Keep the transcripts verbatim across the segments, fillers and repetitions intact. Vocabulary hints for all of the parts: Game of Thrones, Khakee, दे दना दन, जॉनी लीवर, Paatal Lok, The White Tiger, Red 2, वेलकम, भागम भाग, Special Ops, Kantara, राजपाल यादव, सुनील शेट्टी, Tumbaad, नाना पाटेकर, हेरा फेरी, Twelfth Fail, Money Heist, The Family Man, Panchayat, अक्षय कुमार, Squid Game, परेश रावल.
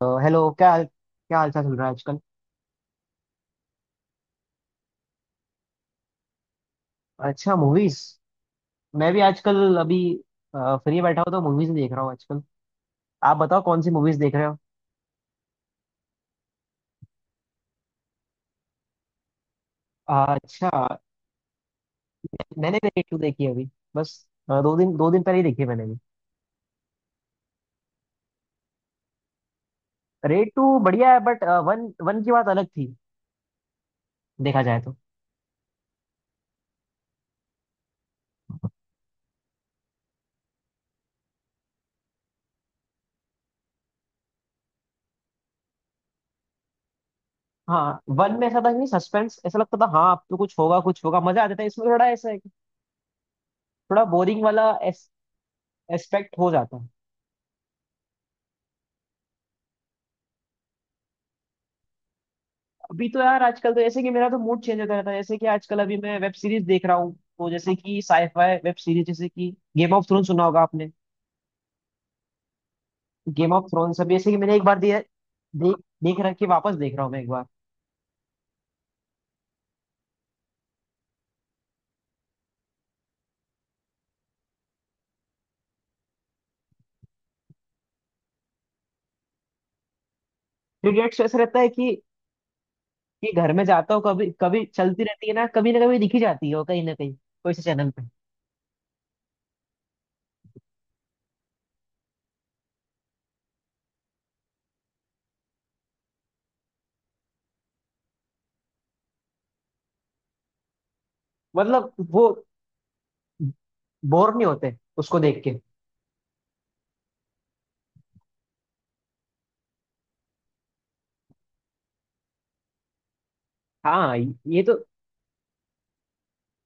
तो हेलो, क्या हाल क्या हाल चाल चल रहा है आजकल। अच्छा, मूवीज। मैं भी आजकल अभी फ्री बैठा हूँ तो मूवीज देख रहा हूँ आजकल। आप बताओ कौन सी मूवीज देख रहे हो। आ, अच्छा, मैंने भी रेड टू देखी है अभी। बस अ, दो दिन दो दिन पहले ही देखी है मैंने भी। रेड टू बढ़िया है बट वन वन की बात अलग थी, देखा जाए तो। हाँ, वन में ऐसा था कि सस्पेंस ऐसा लगता था, हाँ अब तो कुछ होगा कुछ होगा, मजा आता था। इसमें थोड़ा ऐसा है कि थोड़ा बोरिंग वाला एस्पेक्ट हो जाता है। अभी तो यार आजकल तो जैसे कि मेरा तो मूड चेंज होता रहता है, जैसे कि आजकल अभी मैं वेब सीरीज देख रहा हूँ, तो जैसे कि साईफाई वेब सीरीज, जैसे कि गेम ऑफ थ्रोन सुना होगा आपने। गेम ऑफ थ्रोन्स अभी जैसे कि मैंने एक बार दिया देख, देख रख के वापस देख रहा हूँ मैं एक बार। पीरियड्स ऐसा रहता है कि कि घर में जाता हूँ, कभी कभी चलती रहती है ना, कभी ना कभी दिखी जाती है वो, कहीं ना कहीं कोई से चैनल पे। मतलब वो बोर नहीं होते उसको देख के? हाँ ये तो,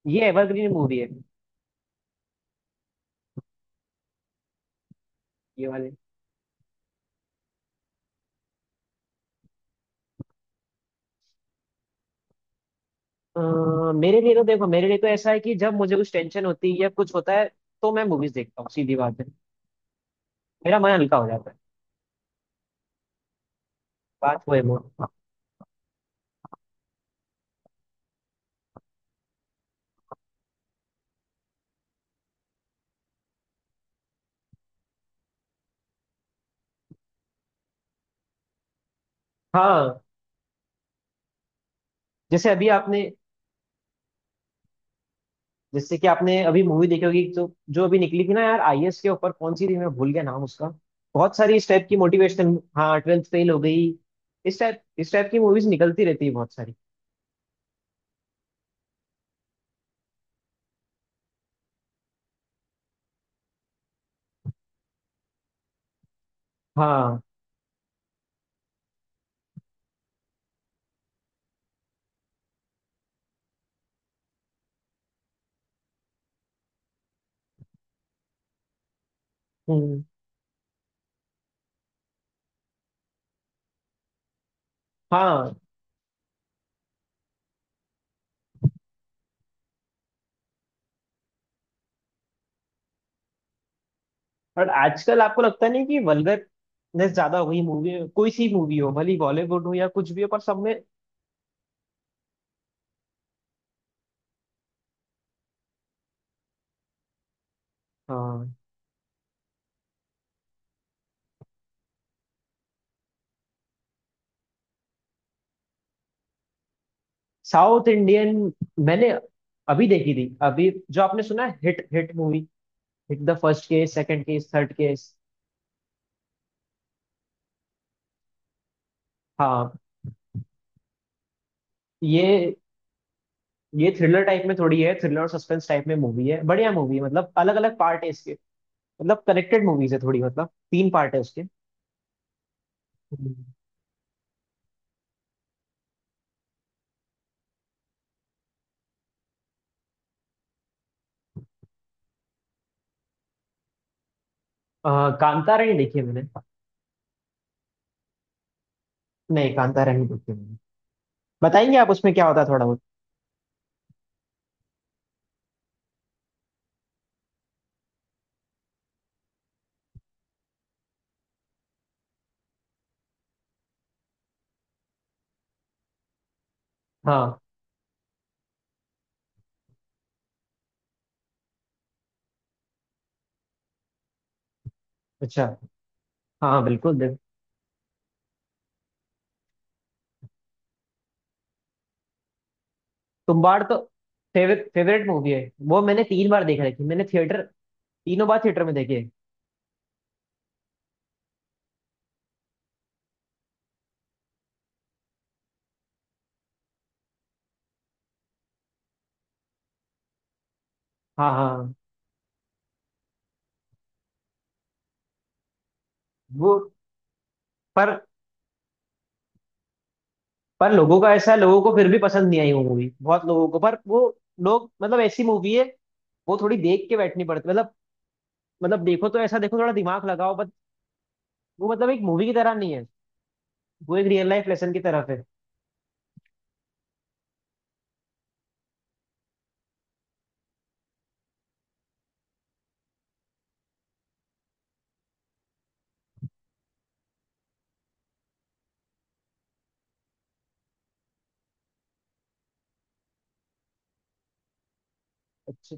ये एवरग्रीन मूवी है। ये वाले अ, मेरे लिए तो देखो, मेरे लिए तो ऐसा है कि जब मुझे कुछ टेंशन होती है या कुछ होता है, तो मैं मूवीज देखता हूँ, सीधी बात है। मेरा मन हल्का हो जाता है। बात वो है वो। हाँ, जैसे अभी आपने, जैसे कि आपने अभी मूवी देखी होगी जो, जो अभी निकली थी ना यार, आईएएस के ऊपर, कौन सी थी, मैं भूल गया नाम उसका। बहुत सारी इस टाइप की मोटिवेशन, हाँ ट्वेल्थ फेल हो गई। इस टाइप इस टाइप की मूवीज निकलती रहती है बहुत सारी। हाँ, हम्म, हाँ। और आजकल आपको लगता नहीं कि वल्गरनेस ज्यादा हो गई मूवी में? कोई सी मूवी हो, भले बॉलीवुड हो या कुछ भी हो, पर सब में। हाँ। साउथ इंडियन मैंने अभी देखी थी, अभी जो आपने सुना है, hit hit movie, hit the first case, second case, third case. हाँ, ये, ये थ्रिलर टाइप में थोड़ी है, थ्रिलर और सस्पेंस टाइप में मूवी है, बढ़िया मूवी है। मतलब अलग अलग पार्ट है इसके, मतलब कनेक्टेड मूवीज है थोड़ी, मतलब तीन पार्ट है उसके। हम्म। आ, कांतारा नहीं देखी है मैंने, नहीं कांतारा नहीं देखी है मैंने। बताएंगे आप उसमें क्या होता है थोड़ा बहुत? हाँ, अच्छा। हाँ हाँ, बिल्कुल देख। तुम्बाड़ तो फेवरेट फेवरेट मूवी है, वो मैंने तीन बार देख रखी, मैंने थिएटर, तीनों बार थिएटर में देखिए। हाँ हाँ, वो। पर पर लोगों का ऐसा है, लोगों को फिर भी पसंद नहीं आई वो मूवी, बहुत लोगों को। पर वो लोग मतलब, ऐसी मूवी है वो, थोड़ी देख के बैठनी पड़ती मतलब, मतलब देखो तो ऐसा, देखो, थोड़ा दिमाग लगाओ, बट वो मतलब एक मूवी की तरह नहीं है, वो एक रियल लाइफ लेसन की तरफ है। अच्छा।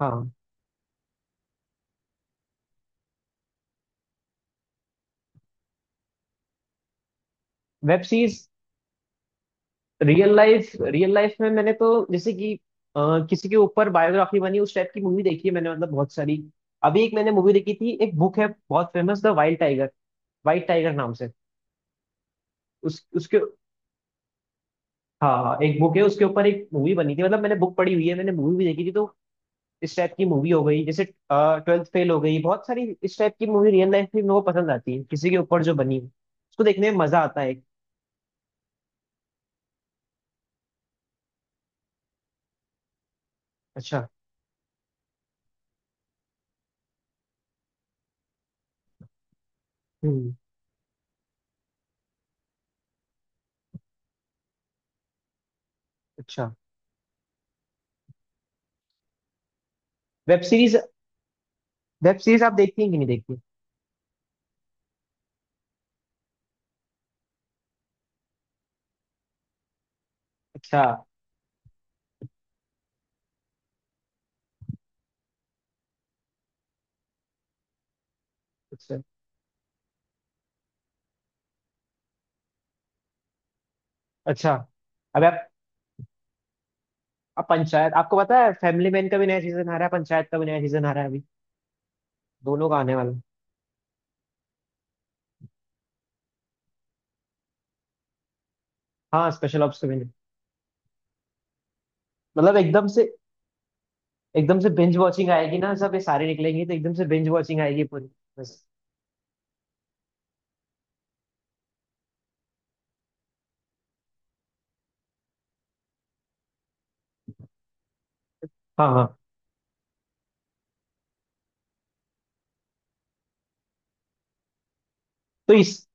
हाँ। Web series. Real life real life में मैंने तो, जैसे कि अ, किसी के ऊपर बायोग्राफी बनी, उस टाइप की मूवी देखी है मैंने, मतलब बहुत सारी। अभी एक मैंने मूवी देखी थी, एक बुक है बहुत famous, the wild tiger, white tiger नाम से। उस उसके, हाँ हाँ एक बुक है, उसके ऊपर एक मूवी बनी थी, मतलब मैंने बुक पढ़ी हुई है, मैंने मूवी भी देखी थी। तो इस टाइप की मूवी हो गई, जैसे ट्वेल्थ फेल हो गई, बहुत सारी इस टाइप की मूवी। रियल लाइफ में मेरे को पसंद आती है, किसी के ऊपर जो बनी हो, उसको देखने में मजा आता है एक। अच्छा। हम्म। अच्छा। Web series. वेब सीरीज आप देखती हैं कि नहीं देखती? अच्छा अच्छा अच्छा। अब आप, अब पंचायत, आपको पता है फैमिली मैन का भी नया सीजन आ रहा है, पंचायत का भी नया सीजन आ रहा है अभी, दोनों का आने वाला है। हाँ, स्पेशल ऑप्स का भी। मतलब एकदम से, एकदम से बिंज वॉचिंग आएगी ना, सब ये सारे निकलेंगे तो एकदम से बिंज वॉचिंग आएगी पूरी। बस। हाँ हाँ। तो इस,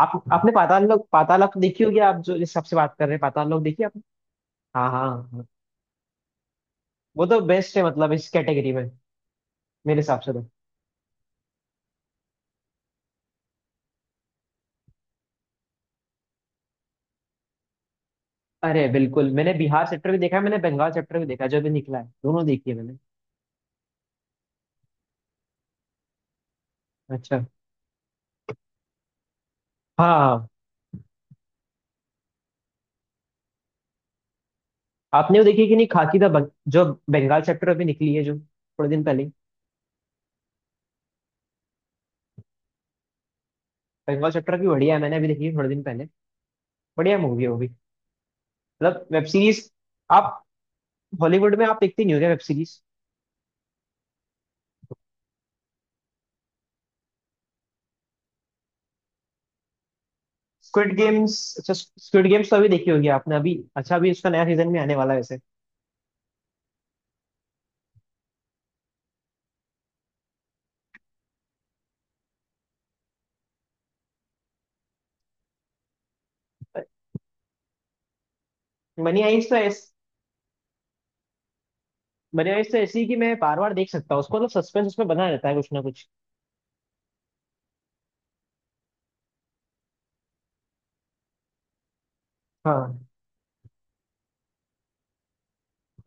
आप, आपने पाताल लोक, पाताल लोक देखी होगी आप, जो इस सबसे बात कर रहे हैं, पाताल लोक देखी आपने? हाँ हाँ हाँ। वो तो बेस्ट है मतलब इस कैटेगरी में, मेरे हिसाब से तो। अरे बिल्कुल, मैंने बिहार चैप्टर भी देखा है, मैंने बंगाल चैप्टर भी देखा है, जो भी निकला है दोनों देखी है मैंने। अच्छा। हाँ हाँ। आपने वो देखी कि नहीं, खाकी द बंग-, जो बंगाल चैप्टर अभी निकली है, जो थोड़े दिन पहले। बंगाल चैप्टर भी बढ़िया है, मैंने अभी देखी है थोड़े दिन पहले, बढ़िया मूवी है वो भी। मतलब वेब सीरीज। आप, हॉलीवुड में आप देखते नहीं होंगे वेब सीरीज? स्क्विड गेम्स, अच्छा, स्क्विड गेम्स तो अभी देखी होगी आपने अभी, अच्छा, अभी उसका नया सीजन भी आने वाला है वैसे। मनी हाइस्ट तो ऐस-, मनी हाइस्ट तो ऐसी है कि मैं बार बार देख सकता हूँ उसको, मतलब सस्पेंस उसमें बना रहता है कुछ ना कुछ। हाँ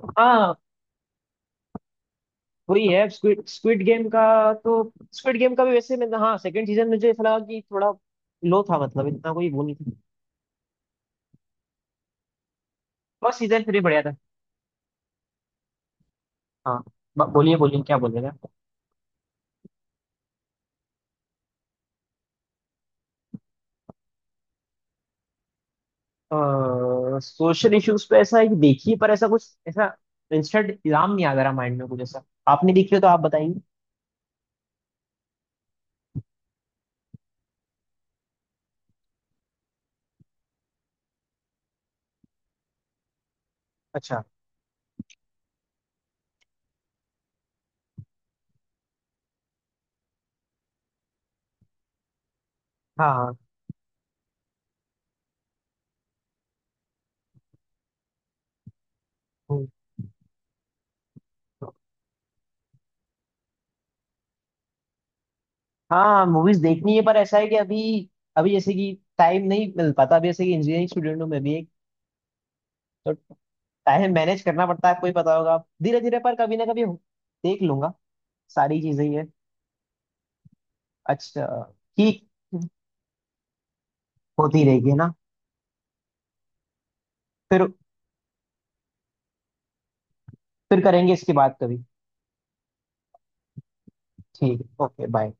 हाँ। वही है स्क्विड स्क्विड गेम का, तो स्क्विड गेम का भी वैसे मैं, हाँ सेकंड सीजन मुझे ऐसा लगा कि थोड़ा लो था, मतलब इतना कोई वो नहीं था, बस सीजन थ्री बढ़िया था। हाँ। ब- बोलिए बोलिए, क्या बोलिए? सोशल इश्यूज पे ऐसा एक देखिए, पर ऐसा कुछ, ऐसा इंस्टेंट इल्जाम नहीं आ रहा माइंड में कुछ ऐसा, आपने देखी हो तो आप बताइए। अच्छा। हाँ हाँ। हम्म। हाँ मूवीज देखनी है, पर ऐसा है कि अभी, अभी जैसे कि टाइम नहीं मिल पाता, अभी जैसे कि इंजीनियरिंग स्टूडेंट हूँ मैं भी एक, तो टाइम मैनेज करना पड़ता है, आपको ही पता होगा आप, धीरे धीरे पर कभी ना कभी हो- देख लूंगा सारी चीजें ये। अच्छा। ठीक। होती रहेगी है ना? फिर फिर करेंगे इसके बाद कभी। ठीक है, ओके बाय।